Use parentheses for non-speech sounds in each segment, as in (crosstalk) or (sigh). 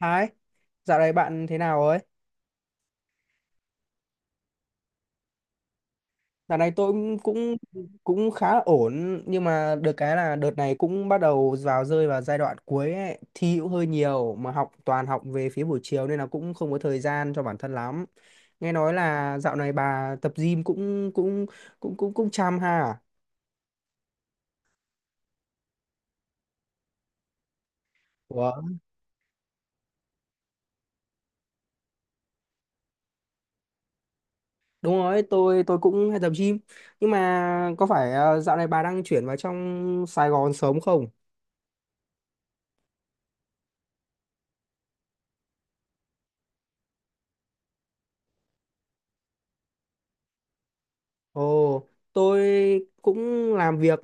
Hai, dạo này bạn thế nào ấy? Dạo này tôi cũng cũng cũng khá là ổn, nhưng mà được cái là đợt này cũng bắt đầu vào rơi vào giai đoạn cuối ấy. Thi cũng hơi nhiều mà học toàn học về phía buổi chiều nên là cũng không có thời gian cho bản thân lắm. Nghe nói là dạo này bà tập gym cũng cũng cũng cũng cũng chăm ha. À? Ủa, đúng rồi, tôi cũng hay tập gym. Nhưng mà có phải dạo này bà đang chuyển vào trong Sài Gòn sớm không? Ồ, tôi cũng làm việc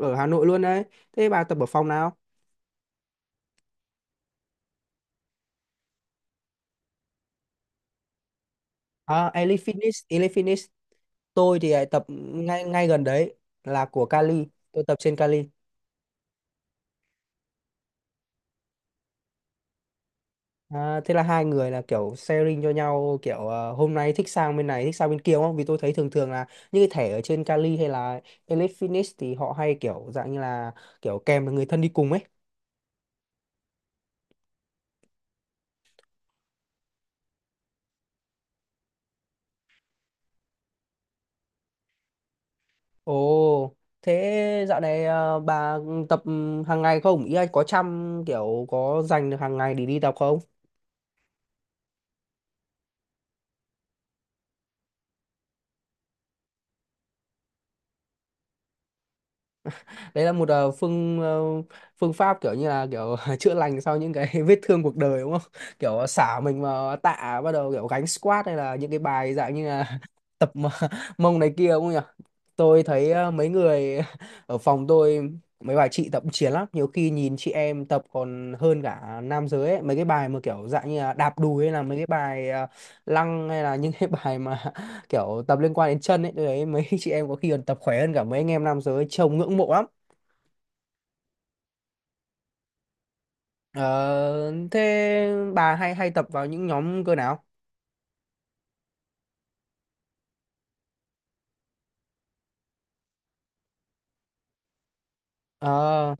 ở Hà Nội luôn đấy. Thế bà tập ở phòng nào? À, Elite Fitness, Elite Fitness. Tôi thì lại tập ngay ngay gần đấy, là của Cali. Tôi tập trên Cali. À, thế là hai người là kiểu sharing cho nhau, kiểu hôm nay thích sang bên này thích sang bên kia đúng không? Vì tôi thấy thường thường là những cái thẻ ở trên Cali hay là Elite Fitness thì họ hay kiểu dạng như là kiểu kèm được người thân đi cùng ấy. Ồ, thế dạo này à, bà tập hàng ngày không? Ý là có chăm kiểu có dành được hàng ngày để đi tập không? Đấy là một phương pháp kiểu như là kiểu (laughs) chữa lành sau những cái (laughs) vết thương cuộc đời đúng không? Kiểu xả mình vào tạ, bắt đầu kiểu gánh squat hay là những cái bài dạng như là (laughs) tập mà- mông này kia đúng không nhỉ? Tôi thấy mấy người (laughs) ở phòng tôi, mấy bà chị tập chiến lắm, nhiều khi nhìn chị em tập còn hơn cả nam giới ấy. Mấy cái bài mà kiểu dạng như là đạp đùi hay là mấy cái bài lăng hay là những cái bài mà (laughs) kiểu tập liên quan đến chân ấy, tôi thấy mấy (laughs) chị em có khi còn tập khỏe hơn cả mấy anh em nam giới, trông ngưỡng mộ lắm. Ờ, thế bà hay hay tập vào những nhóm cơ nào? Ờ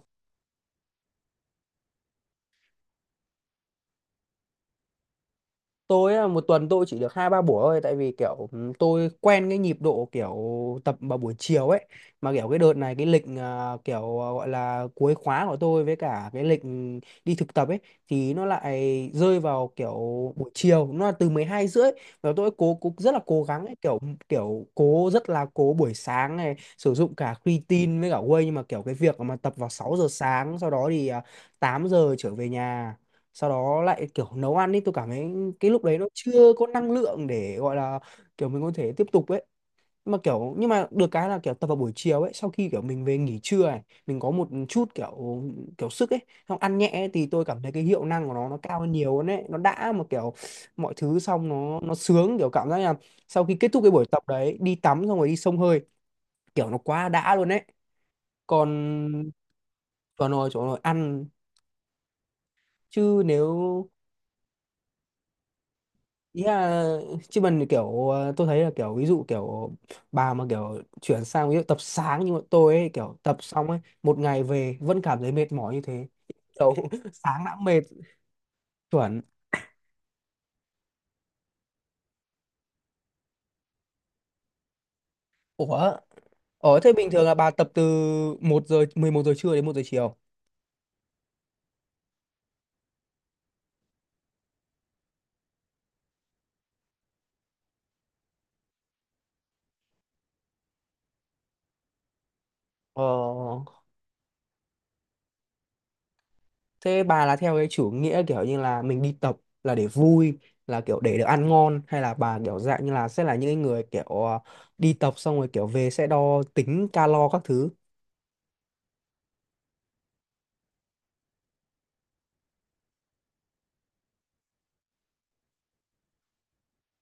tôi á, một tuần tôi chỉ được hai ba buổi thôi, tại vì kiểu tôi quen cái nhịp độ kiểu tập vào buổi chiều ấy, mà kiểu cái đợt này cái lịch à, kiểu à, gọi là cuối khóa của tôi với cả cái lịch đi thực tập ấy thì nó lại rơi vào kiểu buổi chiều, nó là từ 12 rưỡi, và tôi cố cũng rất là cố gắng ấy, kiểu kiểu cố rất là cố buổi sáng này sử dụng cả creatine với cả whey, nhưng mà kiểu cái việc mà tập vào 6 giờ sáng, sau đó thì 8 giờ trở về nhà, sau đó lại kiểu nấu ăn đi, tôi cảm thấy cái lúc đấy nó chưa có năng lượng để gọi là kiểu mình có thể tiếp tục ấy, mà kiểu nhưng mà được cái là kiểu tập vào buổi chiều ấy, sau khi kiểu mình về nghỉ trưa này, mình có một chút kiểu kiểu sức ấy, xong ăn nhẹ ấy, thì tôi cảm thấy cái hiệu năng của nó cao hơn nhiều hơn ấy, nó đã, mà kiểu mọi thứ xong nó sướng, kiểu cảm giác là sau khi kết thúc cái buổi tập đấy, đi tắm xong rồi đi xông hơi kiểu nó quá đã luôn ấy. Còn còn rồi chỗ rồi ăn, chứ nếu ý là chứ mình kiểu tôi thấy là kiểu ví dụ kiểu bà mà kiểu chuyển sang ví dụ tập sáng như bọn tôi ấy, kiểu tập xong ấy, một ngày về vẫn cảm thấy mệt mỏi như thế, kiểu (laughs) sáng đã mệt. Chuẩn. Ủa, ủa thế bình thường là bà tập từ một giờ 11 giờ trưa đến một giờ chiều? Ờ thế bà là theo cái chủ nghĩa kiểu như là mình đi tập là để vui, là kiểu để được ăn ngon, hay là bà kiểu dạng như là sẽ là những cái người kiểu đi tập xong rồi kiểu về sẽ đo tính calo các thứ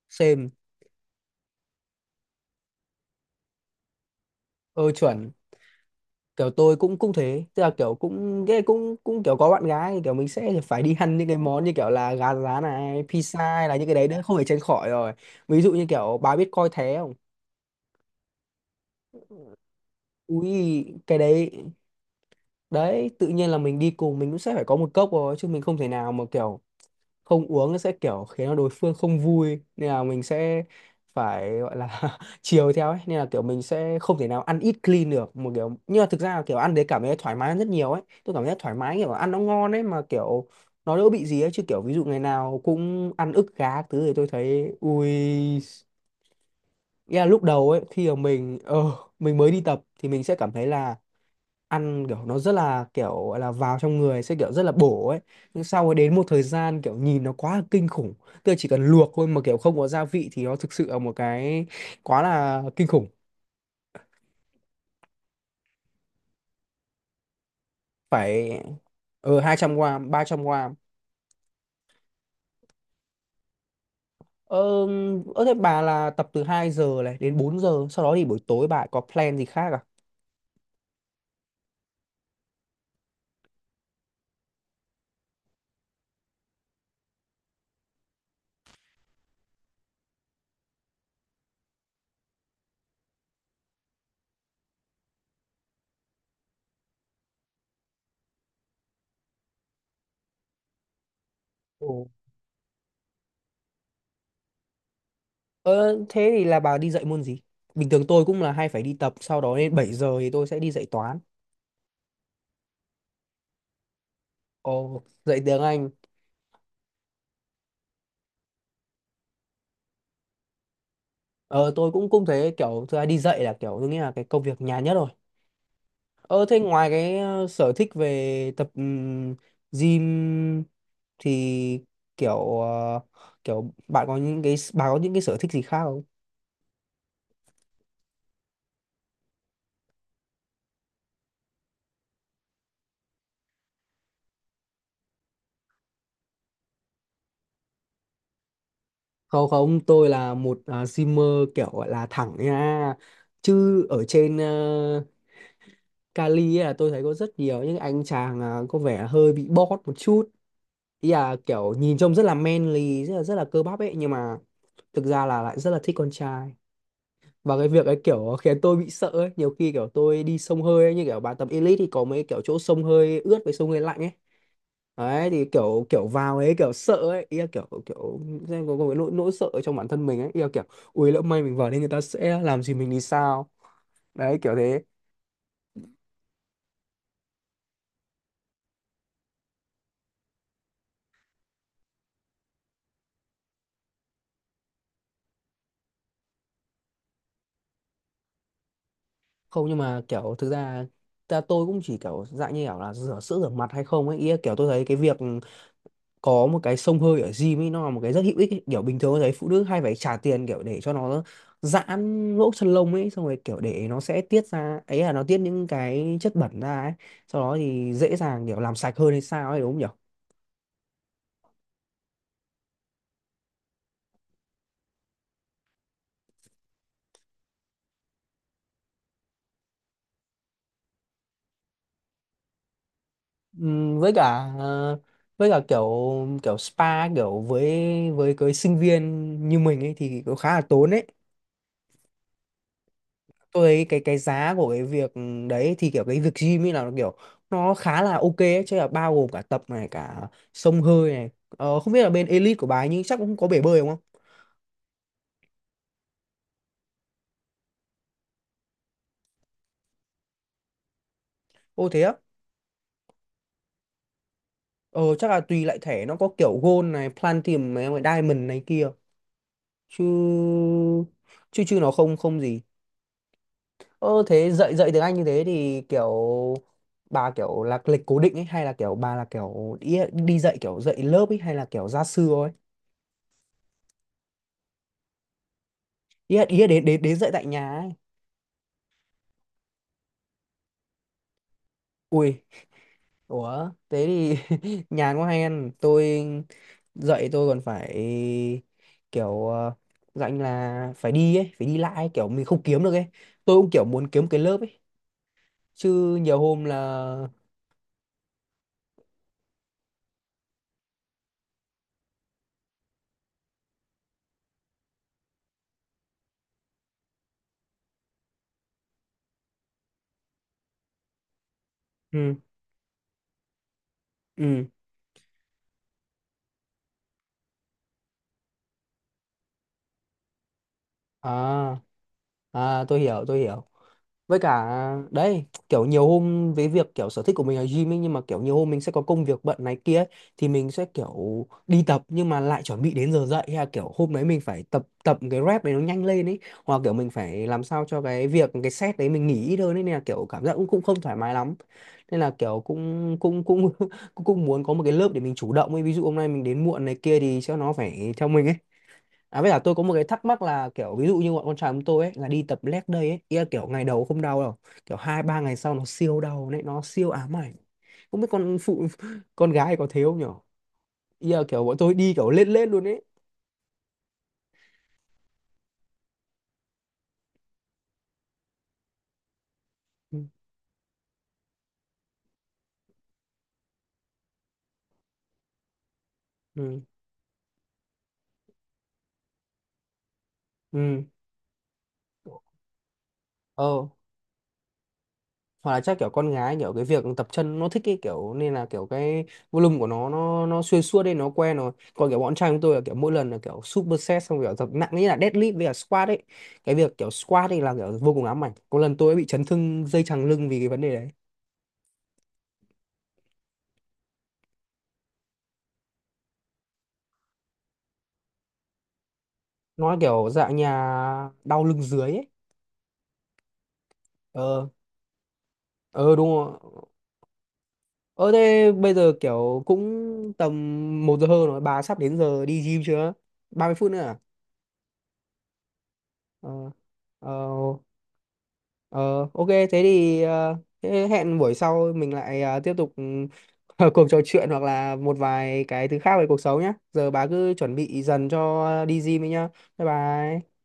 xem? Ừ chuẩn, kiểu tôi cũng cũng thế, tức là kiểu cũng ghê cũng cũng kiểu có bạn gái thì kiểu mình sẽ phải đi ăn những cái món như kiểu là gà rán này, pizza hay là những cái đấy đấy, không thể tránh khỏi rồi. Ví dụ như kiểu bà biết coi thế không, ui cái đấy đấy tự nhiên là mình đi cùng mình cũng sẽ phải có một cốc rồi, chứ mình không thể nào mà kiểu không uống, sẽ kiểu khiến cho đối phương không vui, nên là mình sẽ phải gọi là (laughs) chiều theo ấy, nên là kiểu mình sẽ không thể nào ăn ít clean được một kiểu, nhưng mà thực ra là kiểu ăn đấy cảm thấy thoải mái hơn rất nhiều ấy, tôi cảm thấy thoải mái, kiểu ăn nó ngon ấy, mà kiểu nó đỡ bị gì ấy. Chứ kiểu ví dụ ngày nào cũng ăn ức gà các thứ thì tôi thấy ui, yeah, lúc đầu ấy khi mà mình mình mới đi tập thì mình sẽ cảm thấy là ăn kiểu nó rất là kiểu gọi là vào trong người sẽ kiểu rất là bổ ấy, nhưng sau đến một thời gian kiểu nhìn nó quá là kinh khủng, tức là chỉ cần luộc thôi mà kiểu không có gia vị thì nó thực sự là một cái quá là kinh khủng. Phải, ở 200 gram 300 gram. Ờ, ờ thế bà là tập từ 2 giờ này đến 4 giờ, sau đó thì buổi tối bà có plan gì khác à? Ồ. Ờ thế thì là bà đi dạy môn gì? Bình thường tôi cũng là hay phải đi tập, sau đó đến 7 giờ thì tôi sẽ đi dạy toán. Ồ, dạy tiếng Anh. Ờ tôi cũng cũng thế, kiểu thứ hai đi dạy là kiểu tôi nghĩ là cái công việc nhàn nhất rồi. Ờ thế ngoài cái sở thích về tập gym thì kiểu kiểu bạn có những cái bà có những cái sở thích gì khác không? Không không, tôi là một gymer kiểu gọi là thẳng nha. Chứ ở trên Cali ấy là tôi thấy có rất nhiều những anh chàng có vẻ hơi bị bót một chút. Ý là kiểu nhìn trông rất là manly, rất là cơ bắp ấy, nhưng mà thực ra là lại rất là thích con trai, và cái việc ấy kiểu khiến tôi bị sợ ấy. Nhiều khi kiểu tôi đi sông hơi ấy, như kiểu bạn tập elite thì có mấy kiểu chỗ sông hơi ướt với sông hơi lạnh ấy, đấy thì kiểu kiểu vào ấy kiểu sợ ấy, ý là kiểu kiểu xem có cái nỗi nỗi sợ ở trong bản thân mình ấy, ý là kiểu ui lỡ may mình vào đây người ta sẽ làm gì mình thì sao, đấy kiểu thế. Không, nhưng mà kiểu thực ra ta tôi cũng chỉ kiểu dạng như kiểu là rửa sữa rửa mặt hay không ấy. Ý là kiểu tôi thấy cái việc có một cái xông hơi ở gym ấy nó là một cái rất hữu ích ấy. Kiểu bình thường tôi thấy phụ nữ hay phải trả tiền kiểu để cho nó giãn lỗ chân lông ấy, xong rồi kiểu để nó sẽ tiết ra ấy, là nó tiết những cái chất bẩn ra ấy, sau đó thì dễ dàng kiểu làm sạch hơn hay sao ấy, đúng không nhỉ? Với cả với cả kiểu kiểu spa, kiểu với cái sinh viên như mình ấy thì cũng khá là tốn ấy. Tôi thấy cái giá của cái việc đấy thì kiểu cái việc gym ấy là nó kiểu nó khá là ok ấy, chứ là bao gồm cả tập này cả xông hơi này. Ờ, không biết là bên Elite của bà ấy, nhưng chắc cũng có bể bơi đúng không? Ô thế á. Ờ chắc là tùy lại thẻ, nó có kiểu Gold này, Platinum này, Diamond này kia, chứ chứ chứ nó không không gì. Ờ thế dạy dạy tiếng Anh như thế thì kiểu bà kiểu là lịch cố định ấy, hay là kiểu bà là kiểu đi, đi dạy kiểu dạy lớp ấy, hay là kiểu gia sư thôi? Ý là, ý là đến đến đến dạy tại nhà ấy. Ui, ủa, thế thì (laughs) nhàn quá hay ăn. Tôi dậy tôi còn phải kiểu dạnh là phải đi ấy, phải đi lại ấy, kiểu mình không kiếm được ấy. Tôi cũng kiểu muốn kiếm cái lớp ấy, chứ nhiều hôm là ừ ừ à à tôi hiểu, tôi hiểu. Với cả đấy, kiểu nhiều hôm với việc kiểu sở thích của mình là gym ấy, nhưng mà kiểu nhiều hôm mình sẽ có công việc bận này kia ấy, thì mình sẽ kiểu đi tập nhưng mà lại chuẩn bị đến giờ dậy, hay là kiểu hôm đấy mình phải tập tập cái rep đấy nó nhanh lên ấy, hoặc kiểu mình phải làm sao cho cái việc cái set đấy mình nghỉ ít hơn ấy, nên là kiểu cảm giác cũng cũng không thoải mái lắm, nên là kiểu cũng cũng cũng (laughs) cũng cũng muốn có một cái lớp để mình chủ động ấy, ví dụ hôm nay mình đến muộn này kia thì sẽ nó phải theo mình ấy. À với cả tôi có một cái thắc mắc là kiểu ví dụ như bọn con trai chúng tôi ấy là đi tập leg day ấy, ý là kiểu ngày đầu không đau đâu, kiểu hai ba ngày sau nó siêu đau đấy, nó siêu ám ảnh. Không biết con phụ (laughs) con gái có thế không nhở? Ý là kiểu bọn tôi đi kiểu lên lên luôn ấy. Ừ. Ừ. Ừ. Ờ. Hoặc là chắc kiểu con gái kiểu cái việc tập chân nó thích cái kiểu, nên là kiểu cái volume của nó nó xuyên suốt đi nó quen rồi, còn kiểu bọn trai chúng tôi là kiểu mỗi lần là kiểu superset xong kiểu tập nặng như là deadlift với cả squat ấy. Cái việc kiểu squat ấy là kiểu vô cùng ám ảnh, có lần tôi ấy bị chấn thương dây chằng lưng vì cái vấn đề đấy. Nó kiểu dạng nhà đau lưng dưới ấy. Ờ ờ đúng rồi. Ờ thế bây giờ kiểu cũng tầm một giờ hơn rồi, bà sắp đến giờ đi gym chưa? 30 phút nữa à? Ờ ờ. Ờ, ok thế thì thế hẹn buổi sau mình lại tiếp tục (laughs) cuộc trò chuyện hoặc là một vài cái thứ khác về cuộc sống nhé. Giờ bà cứ chuẩn bị dần cho đi gym đi nhá. Bye bye.